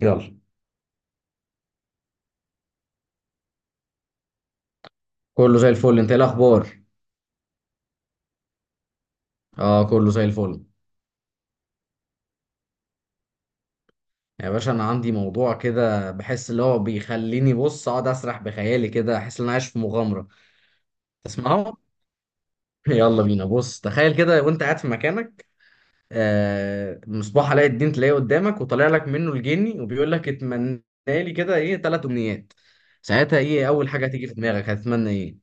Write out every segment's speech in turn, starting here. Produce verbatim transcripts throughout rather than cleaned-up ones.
يلا. كله زي الفل، انت ايه الاخبار؟ اه كله زي الفل. يا باشا، انا عندي موضوع كده بحس اللي هو بيخليني بص اقعد اسرح بخيالي كده، احس ان انا عايش في مغامره. تسمعه؟ يلا بينا، بص تخيل كده وانت قاعد في مكانك. آه مصباح علاء الدين تلاقيه قدامك وطالع لك منه الجني وبيقول لك اتمنى لي كده ايه، ثلاث امنيات. ساعتها ايه اول حاجه هتيجي في دماغك، هتتمنى ايه؟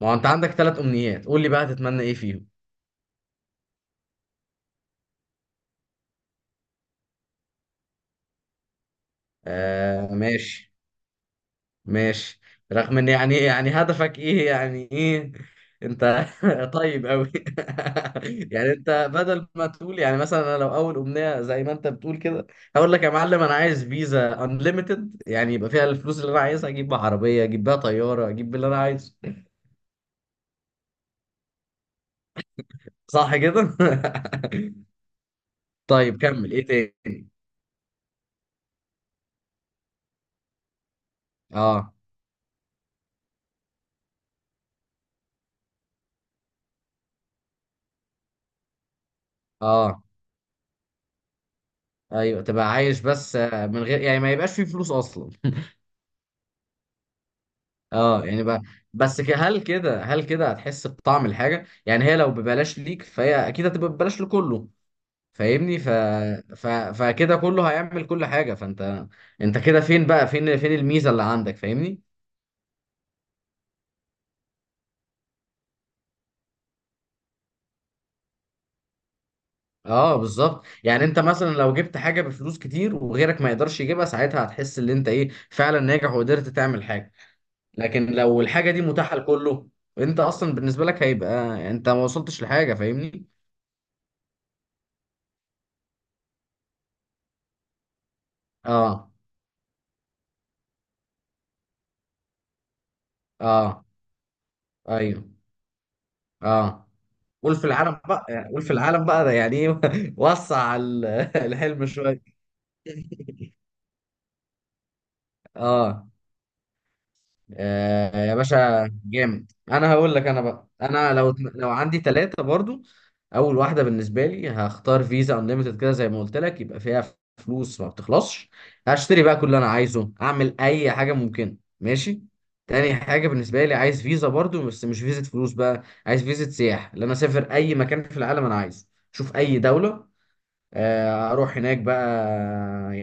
ما هو انت عندك ثلاث امنيات، قول لي بقى هتتمنى ايه فيهم؟ آه ماشي. ماشي. رغم ان يعني يعني هدفك ايه، يعني ايه؟ انت طيب قوي. يعني انت بدل ما تقول يعني مثلا، انا لو اول امنيه زي ما انت بتقول كده، هقول لك يا معلم انا عايز فيزا انليميتد، يعني يبقى فيها الفلوس اللي انا عايزها، اجيب بيها عربيه، اجيب بيها طياره، اجيب باللي انا عايزه. صح كده. طيب، كمل ايه تاني؟ اه. اه. ايوه، تبقى عايش بس من غير يعني ما يبقاش فيه فلوس اصلا. اه يعني بقى. بس ك- هل كده هل كده هتحس بطعم الحاجه، يعني هي لو ببلاش ليك فهي اكيد هتبقى ببلاش لكله. فاهمني. ف... ف... فكده كله هيعمل كل حاجه، فانت، انت كده فين بقى، فين فين الميزه اللي عندك؟ فاهمني. اه بالظبط، يعني انت مثلا لو جبت حاجه بفلوس كتير وغيرك ما يقدرش يجيبها، ساعتها هتحس ان انت ايه، فعلا ناجح وقدرت تعمل حاجه. لكن لو الحاجه دي متاحه لكله، انت اصلا بالنسبه لك هيبقى، انت ما وصلتش لحاجه. فاهمني. اه. اه. ايوه. اه. قول في العالم بقى، يعني قول في العالم بقى ده يعني ايه. وسع ال- الحلم شويه. اه. آه، يا باشا جامد، انا هقول لك انا بقى، انا لو لو عندي ثلاثه برضو، اول واحده بالنسبه لي هختار فيزا انليمتد كده زي ما قلت لك، يبقى فيها فلوس ما بتخلصش. هشتري بقى كل اللي انا عايزه، اعمل اي حاجه ممكنه. ماشي. تاني حاجه بالنسبه لي عايز فيزا برضو، بس مش فيزا فلوس بقى، عايز فيزا سياحه اللي انا اسافر اي مكان في العالم انا عايزه. شوف اي دوله. آه، اروح هناك بقى،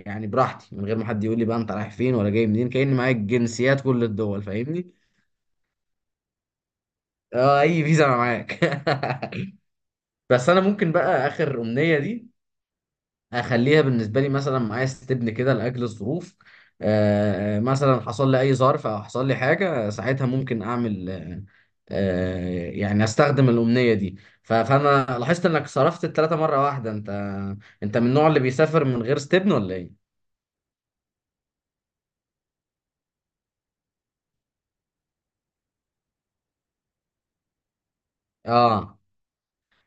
يعني براحتي، من غير ما حد يقول لي بقى انت رايح فين ولا جاي منين، كأني معايا جنسيات كل الدول. فاهمني. اه، اي فيزا انا معاك. بس انا ممكن بقى اخر امنية دي اخليها بالنسبة لي مثلا، معايا استبن كده لاجل الظروف. آه، مثلا حصل لي اي ظرف او حصل لي حاجة، ساعتها ممكن اعمل آه، آه، يعني استخدم الامنية دي. ف- فانا لاحظت انك صرفت الثلاثة مرة واحدة، انت، انت من النوع اللي بيسافر من غير استبن ولا ايه؟ اه.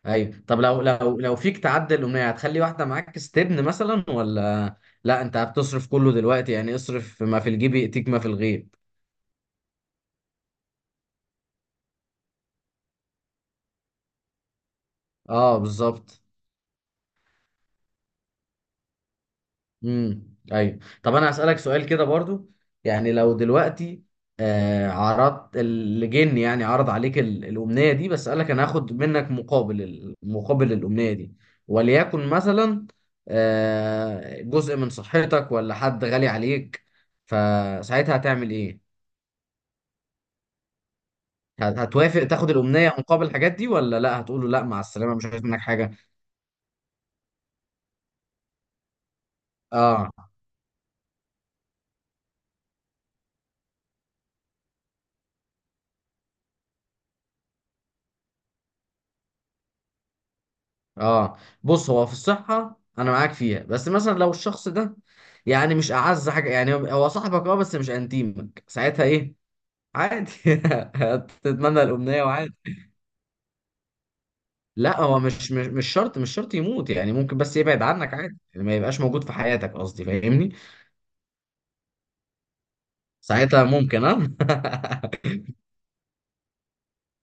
ايوه. طب لو لو لو فيك تعدل الاغنيه هتخلي واحده معاك استبن مثلا، ولا لا انت هتصرف كله دلوقتي، يعني اصرف ما في الجيب ياتيك ما في الغيب. اه بالظبط. امم ايوه، طب انا هسالك سؤال كده برضو. يعني لو دلوقتي آه عرضت اللي جن يعني عرض عليك ال- الامنيه دي، بس قالك انا هاخد منك مقابل ال- مقابل الامنيه دي، وليكن مثلا آه جزء من صحتك، ولا حد غالي عليك، فساعتها هتعمل ايه؟ هت- هتوافق تاخد الأمنية مقابل الحاجات دي، ولا لا هتقول له لا مع السلامة مش عايز منك حاجة؟ اه. اه. بص هو في الصحة أنا معاك فيها، بس مثلا لو الشخص ده يعني مش أعز حاجة، يعني هو هو صاحبك اه، بس مش أنتيمك، ساعتها إيه، عادي. هتتمنى الأمنية وعادي. لا هو مش مش مش شرط، مش شرط يموت يعني، ممكن بس يبعد عنك، عادي يعني ما يبقاش موجود في حياتك، قصدي فاهمني. ساعتها ممكن اه.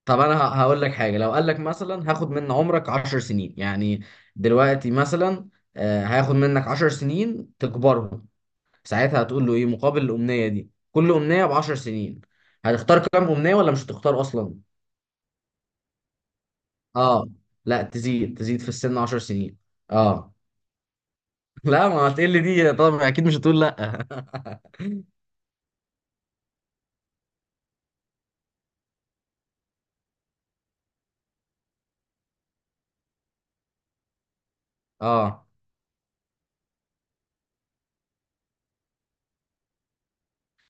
طب انا ه- هقول لك حاجه، لو قال لك مثلا هاخد من عمرك 10 سنين يعني، دلوقتي مثلا، آه، هاخد منك 10 سنين تكبرهم، ساعتها هتقول له ايه مقابل الامنيه دي، كل امنيه ب 10 سنين، هتختار كام امنيه ولا مش هتختار اصلا؟ اه لا، تزيد تزيد في السن 10 سنين. اه. لا ما هتقل دي طبعا، اكيد مش هتقول لا. اه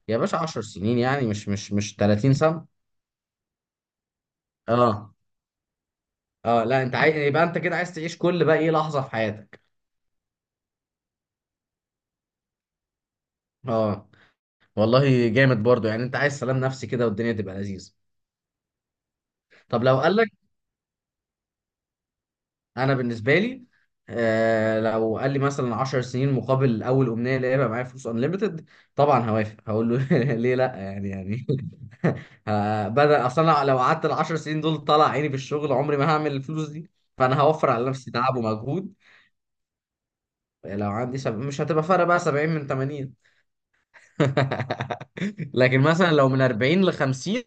يا باشا، 10 سنين يعني، مش مش مش 30 سنه. اه. اه لا، انت عايز يبقى انت كده عايز تعيش كل بقى ايه لحظه في حياتك. اه والله جامد برضو، يعني انت عايز سلام نفسي كده والدنيا تبقى لذيذة. طب لو قال لك، انا بالنسبة لي، آه لو قال لي مثلا 10 سنين مقابل اول امنية اللي هيبقى معايا فلوس انليمتد، طبعا هوافق، هقول له، ليه لا يعني، يعني ه- بدل اصلا، أنا لو قعدت ال 10 سنين دول طلع عيني في الشغل عمري ما هعمل الفلوس دي، فانا هوفر على نفسي تعب ومجهود. لو عندي سب... مش هتبقى فرق بقى، سبعين من تمانين. لكن مثلا لو من اربعين ل خمسين،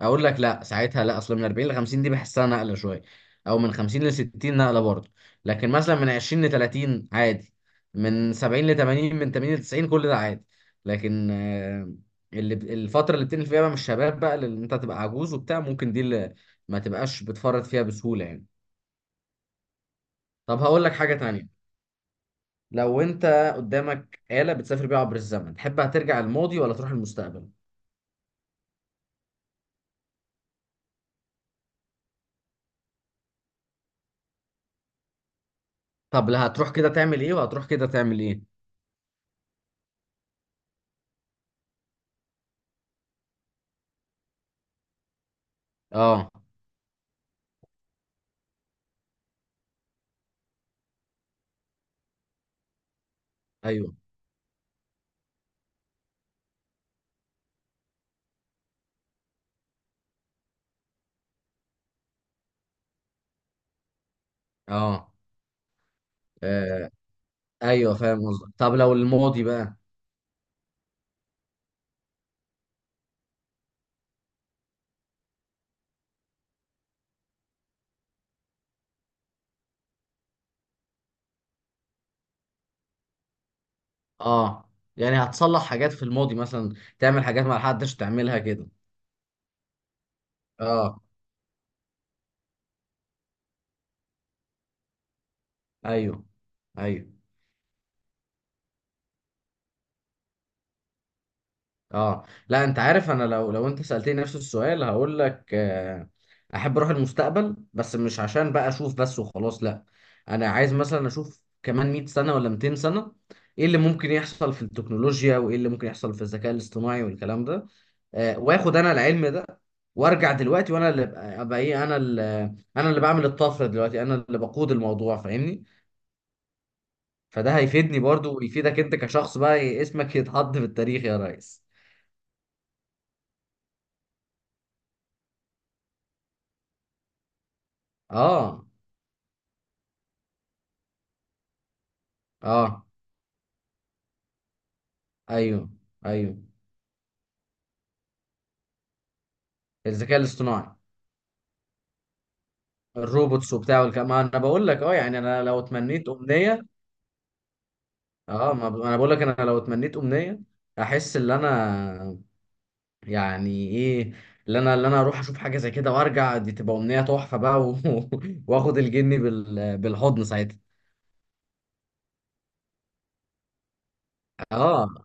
اقول لك لا، ساعتها لا، اصل من اربعين ل خمسين دي بحسها نقله شويه، او من خمسين ل ستين، نقله برضه. لكن مثلا من عشرين ل تلاتين عادي، من سبعين ل تمانين، من تمانين ل تسعين، كل ده عادي. لكن آه، اللي ب- الفتره اللي بتنقل فيها بقى من الشباب بقى، اللي انت تبقى عجوز وبتاع ممكن، دي اللي ما تبقاش بتفرط فيها بسهوله يعني. طب هقول لك حاجه تانية، لو انت قدامك آلة بتسافر بيها عبر الزمن، تحب هترجع الماضي ولا تروح المستقبل؟ طب لا، هتروح كده تعمل ايه، وهتروح كده تعمل ايه؟ اه. ايوه. اه. آه ايوه فاهم قصدك. طب لو الماضي بقى، اه، يعني هتصلح حاجات في الماضي مثلا، تعمل حاجات ما حدش تعملها كده؟ اه. ايوه. ايوه. اه لا، انت عارف انا لو لو انت سألتني نفس السؤال هقول لك، آه، احب اروح المستقبل، بس مش عشان بقى اشوف بس وخلاص لا، انا عايز مثلا اشوف كمان 100 سنة ولا 200 سنة، ايه اللي ممكن يحصل في التكنولوجيا وايه اللي ممكن يحصل في الذكاء الاصطناعي والكلام ده، آه، واخد انا العلم ده، وارجع دلوقتي وانا اللي ابقى أبقى ايه، انا اللي، انا اللي بعمل الطفرة دلوقتي، انا اللي بقود الموضوع. فاهمني. فده هيفيدني برضو ويفيدك انت كشخص بقى إيه، اسمك يتحط في التاريخ يا ريس. اه. اه. ايوه. ايوه. الذكاء الاصطناعي، الروبوتس وبتاع والكلام، ما انا بقول لك اه يعني، انا لو اتمنيت امنيه، اه ما ب- انا بقول لك، انا لو اتمنيت امنيه، احس ان انا، يعني ايه، اللي انا اللي انا اروح اشوف حاجه زي كده وارجع، دي تبقى امنيه تحفه بقى و... واخد الجني بال... بالحضن ساعتها. اه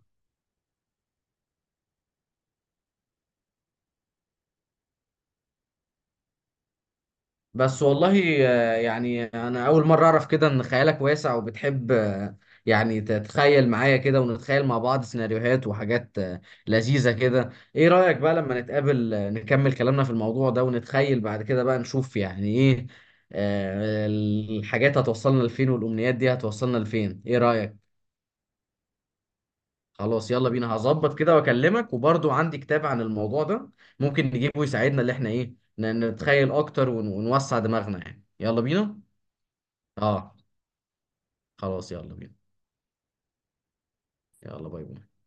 بس والله، آه، يعني انا اول مره اعرف كده ان خيالك واسع وبتحب آه، يعني تتخيل معايا كده ونتخيل مع بعض سيناريوهات وحاجات آه، لذيذه كده. ايه رايك بقى لما نتقابل آه، نكمل كلامنا في الموضوع ده، ونتخيل بعد كده بقى نشوف يعني ايه، آه، الحاجات هتوصلنا لفين والامنيات دي هتوصلنا لفين، ايه رايك؟ خلاص يلا بينا، هظبط كده واكلمك، وبرضو عندي كتاب عن الموضوع ده ممكن نجيبه يساعدنا، اللي احنا ايه ن- نتخيل اكتر ون- ونوسع دماغنا، يعني يلا بينا. اه خلاص، يلا بينا. يلا باي باي.